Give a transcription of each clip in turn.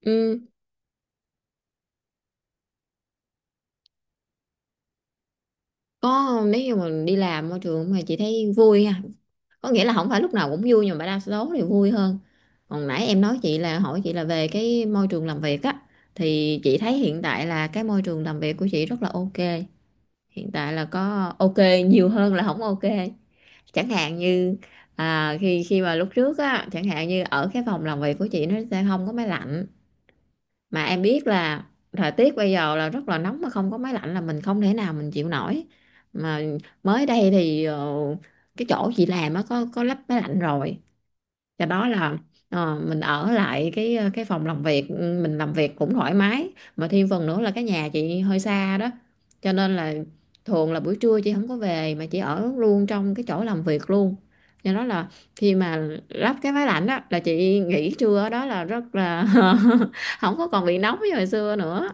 Ừ, có. Nếu như mà đi làm môi trường mà chị thấy vui ha, có nghĩa là không phải lúc nào cũng vui nhưng mà đa số thì vui hơn. Còn nãy em nói chị là hỏi chị là về cái môi trường làm việc á, thì chị thấy hiện tại là cái môi trường làm việc của chị rất là ok. Hiện tại là có ok nhiều hơn là không ok. Chẳng hạn như, à, khi khi mà lúc trước á, chẳng hạn như ở cái phòng làm việc của chị nó sẽ không có máy lạnh, mà em biết là thời tiết bây giờ là rất là nóng, mà không có máy lạnh là mình không thể nào mình chịu nổi. Mà mới đây thì cái chỗ chị làm á có lắp máy lạnh rồi. Do đó là, mình ở lại cái phòng làm việc, mình làm việc cũng thoải mái. Mà thêm phần nữa là cái nhà chị hơi xa đó, cho nên là thường là buổi trưa chị không có về mà chị ở luôn trong cái chỗ làm việc luôn. Do đó là khi mà lắp cái máy lạnh đó là chị nghỉ trưa ở đó là rất là không có còn bị nóng như hồi xưa nữa.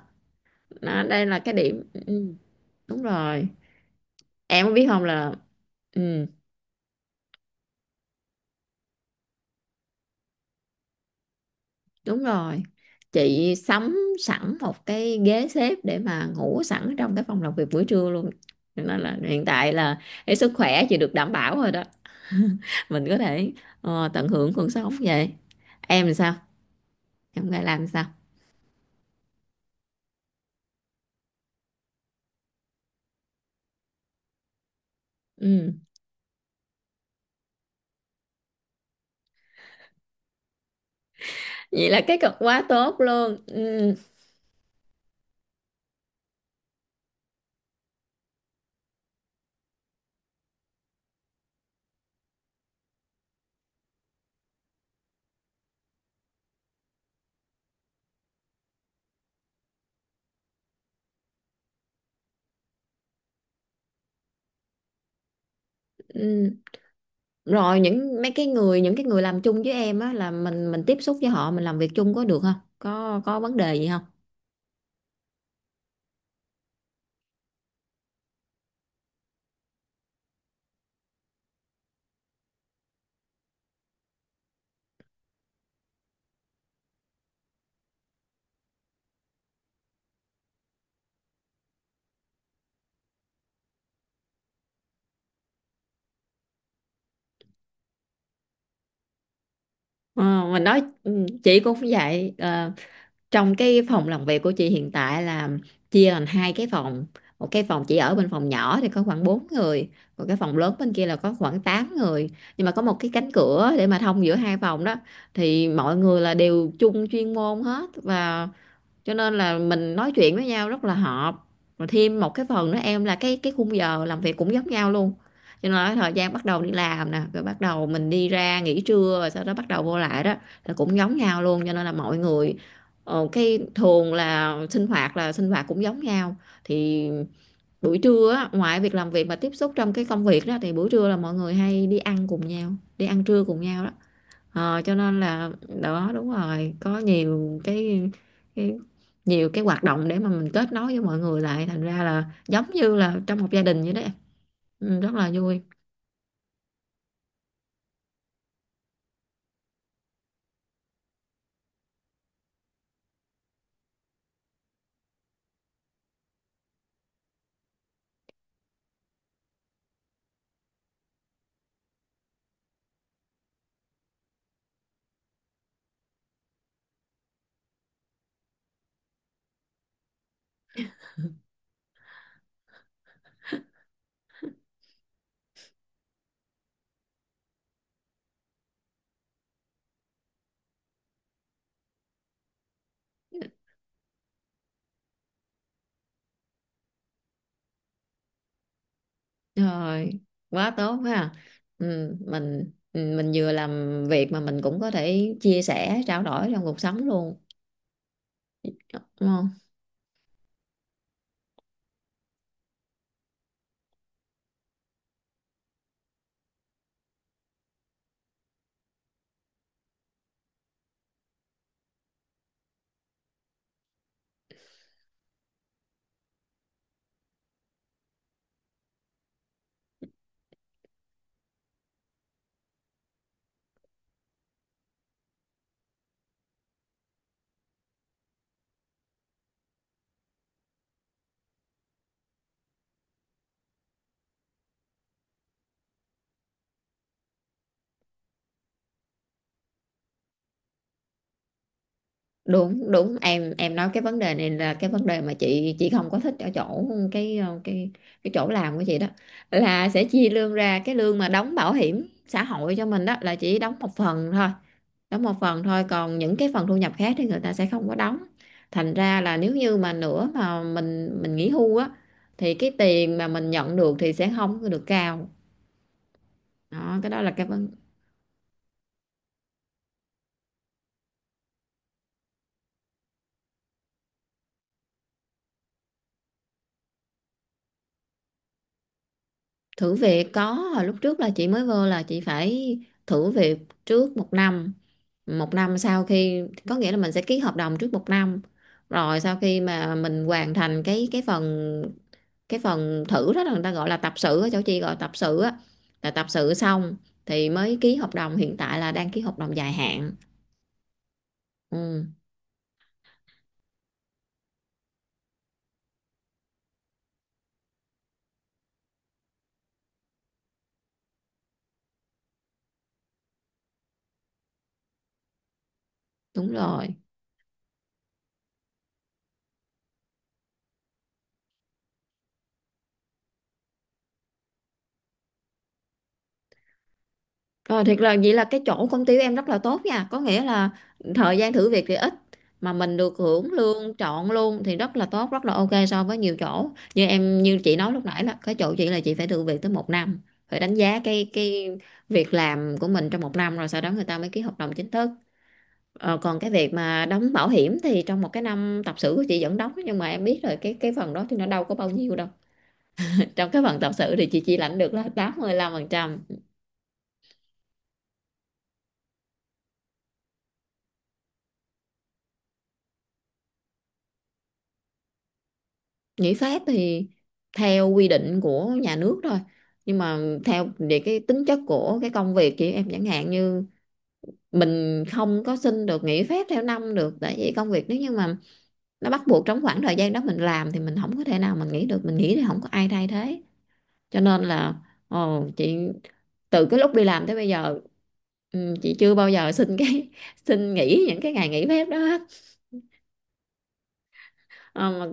Đó, đây là cái điểm, đúng rồi. Em có biết không là, ừ, đúng rồi, chị sắm sẵn một cái ghế xếp để mà ngủ sẵn trong cái phòng làm việc buổi trưa luôn. Cho nên là hiện tại là cái sức khỏe chị được đảm bảo rồi đó. Mình có thể, tận hưởng cuộc sống vậy. Em làm sao, em phải làm sao. Ừ. Vậy là cái cực quá tốt luôn. Ừ. Ừ. Rồi những mấy cái người, những cái người làm chung với em á là mình tiếp xúc với họ, mình làm việc chung có được không, có vấn đề gì không? Ờ, mình nói, chị cũng vậy. Ờ, trong cái phòng làm việc của chị hiện tại là chia thành hai cái phòng. Một cái phòng chị ở bên phòng nhỏ thì có khoảng 4 người, còn cái phòng lớn bên kia là có khoảng 8 người. Nhưng mà có một cái cánh cửa để mà thông giữa hai phòng đó, thì mọi người là đều chung chuyên môn hết, và cho nên là mình nói chuyện với nhau rất là hợp. Rồi thêm một cái phần nữa em là cái khung giờ làm việc cũng giống nhau luôn. Cho nên là thời gian bắt đầu đi làm nè, rồi bắt đầu mình đi ra nghỉ trưa, rồi sau đó bắt đầu vô lại đó là cũng giống nhau luôn. Cho nên là mọi người, cái thường là sinh hoạt, là sinh hoạt cũng giống nhau. Thì buổi trưa á, ngoài việc làm việc mà tiếp xúc trong cái công việc đó thì buổi trưa là mọi người hay đi ăn cùng nhau, đi ăn trưa cùng nhau đó. Ờ, cho nên là, đó, đúng rồi, có nhiều cái nhiều cái hoạt động để mà mình kết nối với mọi người lại, thành ra là giống như là trong một gia đình vậy đó em. Ừ, rất là vui. Rồi, quá tốt ha, mình vừa làm việc mà mình cũng có thể chia sẻ trao đổi trong cuộc sống luôn, đúng không? Đúng, đúng, em nói cái vấn đề này là cái vấn đề mà chị không có thích ở chỗ cái, cái chỗ làm của chị đó là sẽ chia lương ra, cái lương mà đóng bảo hiểm xã hội cho mình đó là chỉ đóng một phần thôi, đóng một phần thôi, còn những cái phần thu nhập khác thì người ta sẽ không có đóng. Thành ra là nếu như mà nữa mà mình nghỉ hưu á thì cái tiền mà mình nhận được thì sẽ không có được cao. Đó, cái đó là cái vấn... Thử việc có, hồi lúc trước là chị mới vô là chị phải thử việc trước một năm. Một năm sau khi, có nghĩa là mình sẽ ký hợp đồng trước một năm, rồi sau khi mà mình hoàn thành cái phần, cái phần thử đó là người ta gọi là tập sự, ở chỗ chị gọi tập sự á, là tập sự xong thì mới ký hợp đồng. Hiện tại là đang ký hợp đồng dài hạn. Ừ, đúng rồi. Ờ, thiệt là vậy, là cái chỗ công ty của em rất là tốt nha, có nghĩa là thời gian thử việc thì ít mà mình được hưởng lương trọn luôn, thì rất là tốt, rất là ok so với nhiều chỗ. Như em, như chị nói lúc nãy là cái chỗ chị là chị phải thử việc tới một năm, phải đánh giá cái việc làm của mình trong một năm, rồi sau đó người ta mới ký hợp đồng chính thức. Còn cái việc mà đóng bảo hiểm thì trong một cái năm tập sự của chị vẫn đóng, nhưng mà em biết rồi, cái phần đó thì nó đâu có bao nhiêu đâu. Trong cái phần tập sự thì chị chỉ lãnh được là 85%. Nghỉ phép thì theo quy định của nhà nước thôi, nhưng mà theo về cái tính chất của cái công việc chị, em chẳng hạn như, mình không có xin được nghỉ phép theo năm được, tại vì công việc nếu như mà nó bắt buộc trong khoảng thời gian đó mình làm thì mình không có thể nào mình nghỉ được, mình nghỉ thì không có ai thay thế. Cho nên là, ồ, chị, từ cái lúc đi làm tới bây giờ, chị chưa bao giờ xin cái xin nghỉ những cái ngày nghỉ phép đó hết. Ờ, mà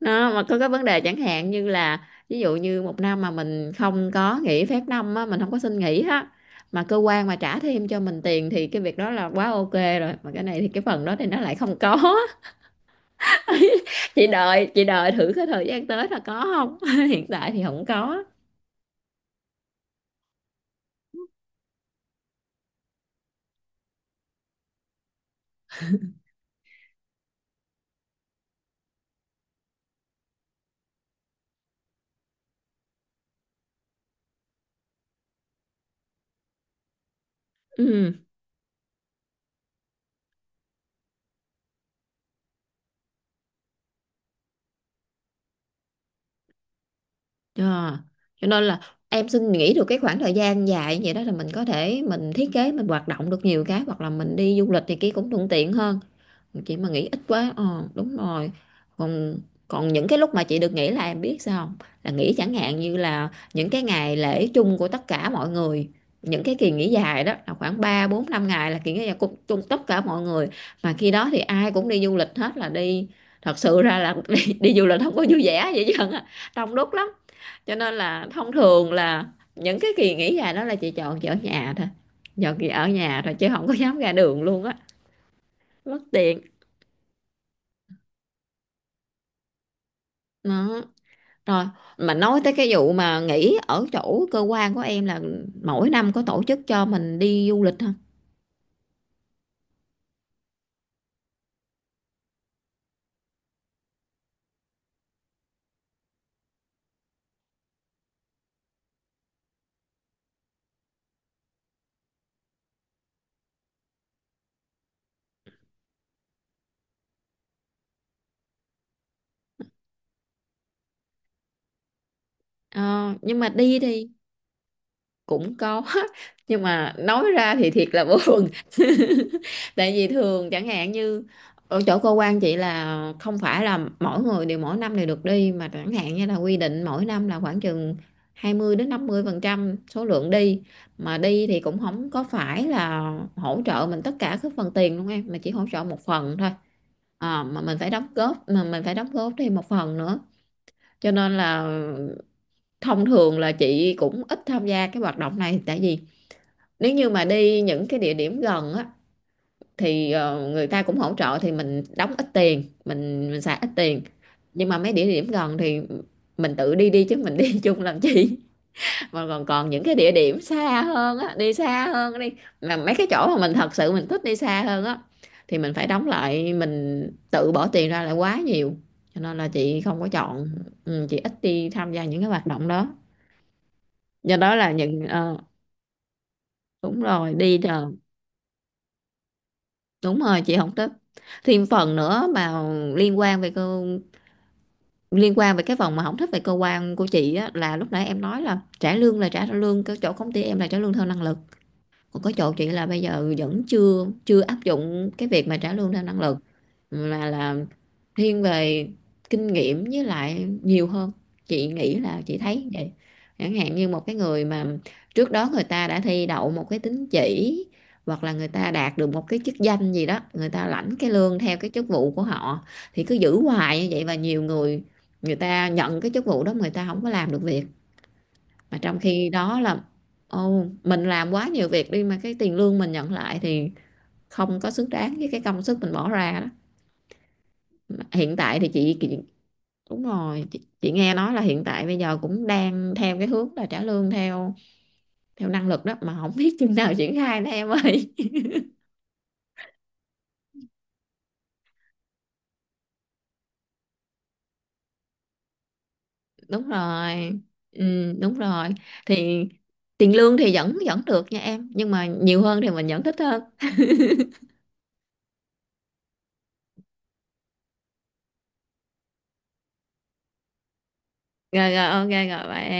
đó, mà có cái vấn đề chẳng hạn như là, ví dụ như một năm mà mình không có nghỉ phép năm á, mình không có xin nghỉ á, mà cơ quan mà trả thêm cho mình tiền, thì cái việc đó là quá ok rồi, mà cái này thì cái phần đó thì nó lại không có. Chị đợi thử cái thời gian tới là có không. Hiện tại thì không có. Ừ. Ờ. Cho nên là em xin nghỉ được cái khoảng thời gian dài như vậy đó là mình có thể mình thiết kế, mình hoạt động được nhiều cái, hoặc là mình đi du lịch thì kia cũng thuận tiện hơn. Chị mà nghỉ ít quá, ờ, đúng rồi. Còn còn những cái lúc mà chị được nghỉ là em biết sao không, là nghỉ chẳng hạn như là những cái ngày lễ chung của tất cả mọi người, những cái kỳ nghỉ dài đó là khoảng 3 4 5 ngày, là kỳ nghỉ dài của chung tất cả mọi người. Mà khi đó thì ai cũng đi du lịch hết, là đi, thật sự ra là đi du lịch không có vui vẻ vậy chứ, đông đúc lắm. Cho nên là thông thường là những cái kỳ nghỉ dài đó là chị chọn chị ở nhà thôi, chọn chị ở nhà thôi chứ không có dám ra đường luôn á, mất tiền. Đó, rồi, mà nói tới cái vụ mà nghỉ ở chỗ cơ quan của em là mỗi năm có tổ chức cho mình đi du lịch không? Ờ, nhưng mà đi thì cũng có. Nhưng mà nói ra thì thiệt là buồn tại vì thường chẳng hạn như ở chỗ cơ quan chị là không phải là mỗi người đều mỗi năm đều được đi, mà chẳng hạn như là quy định mỗi năm là khoảng chừng 20 đến 50% số lượng đi. Mà đi thì cũng không có phải là hỗ trợ mình tất cả các phần tiền luôn em, mà chỉ hỗ trợ một phần thôi. Ờ, mà mình phải đóng góp, mà mình phải đóng góp thêm một phần nữa. Cho nên là thông thường là chị cũng ít tham gia cái hoạt động này, tại vì nếu như mà đi những cái địa điểm gần á thì người ta cũng hỗ trợ, thì mình đóng ít tiền, mình xài ít tiền. Nhưng mà mấy địa điểm gần thì mình tự đi đi chứ mình đi chung làm chi. Còn còn còn những cái địa điểm xa hơn á, đi xa hơn đi, mà mấy cái chỗ mà mình thật sự mình thích đi xa hơn á thì mình phải đóng lại, mình tự bỏ tiền ra lại quá nhiều, cho nên là chị không có chọn. Ừ, chị ít đi tham gia những cái hoạt động đó. Do đó là những, đúng rồi đi, đúng rồi, chị không thích. Thêm phần nữa mà liên quan về cơ, liên quan về cái phần mà không thích về cơ quan của chị á là lúc nãy em nói là trả lương, là trả lương cái chỗ công ty em là trả lương theo năng lực. Còn có chỗ chị là bây giờ vẫn chưa chưa áp dụng cái việc mà trả lương theo năng lực, mà là thiên về kinh nghiệm với lại nhiều hơn. Chị nghĩ là chị thấy vậy. Chẳng hạn như một cái người mà trước đó người ta đã thi đậu một cái tín chỉ, hoặc là người ta đạt được một cái chức danh gì đó, người ta lãnh cái lương theo cái chức vụ của họ thì cứ giữ hoài như vậy. Và nhiều người, người ta nhận cái chức vụ đó, người ta không có làm được việc, mà trong khi đó là, ồ, mình làm quá nhiều việc đi mà cái tiền lương mình nhận lại thì không có xứng đáng với cái công sức mình bỏ ra đó. Mà hiện tại thì chị đúng rồi, chị nghe nói là hiện tại bây giờ cũng đang theo cái hướng là trả lương theo theo năng lực đó, mà không biết chừng nào triển khai nữa em ơi. Đúng rồi. Ừ, đúng rồi. Thì tiền lương thì vẫn vẫn được nha em, nhưng mà nhiều hơn thì mình vẫn thích hơn. Rồi rồi, ok, rồi bye em.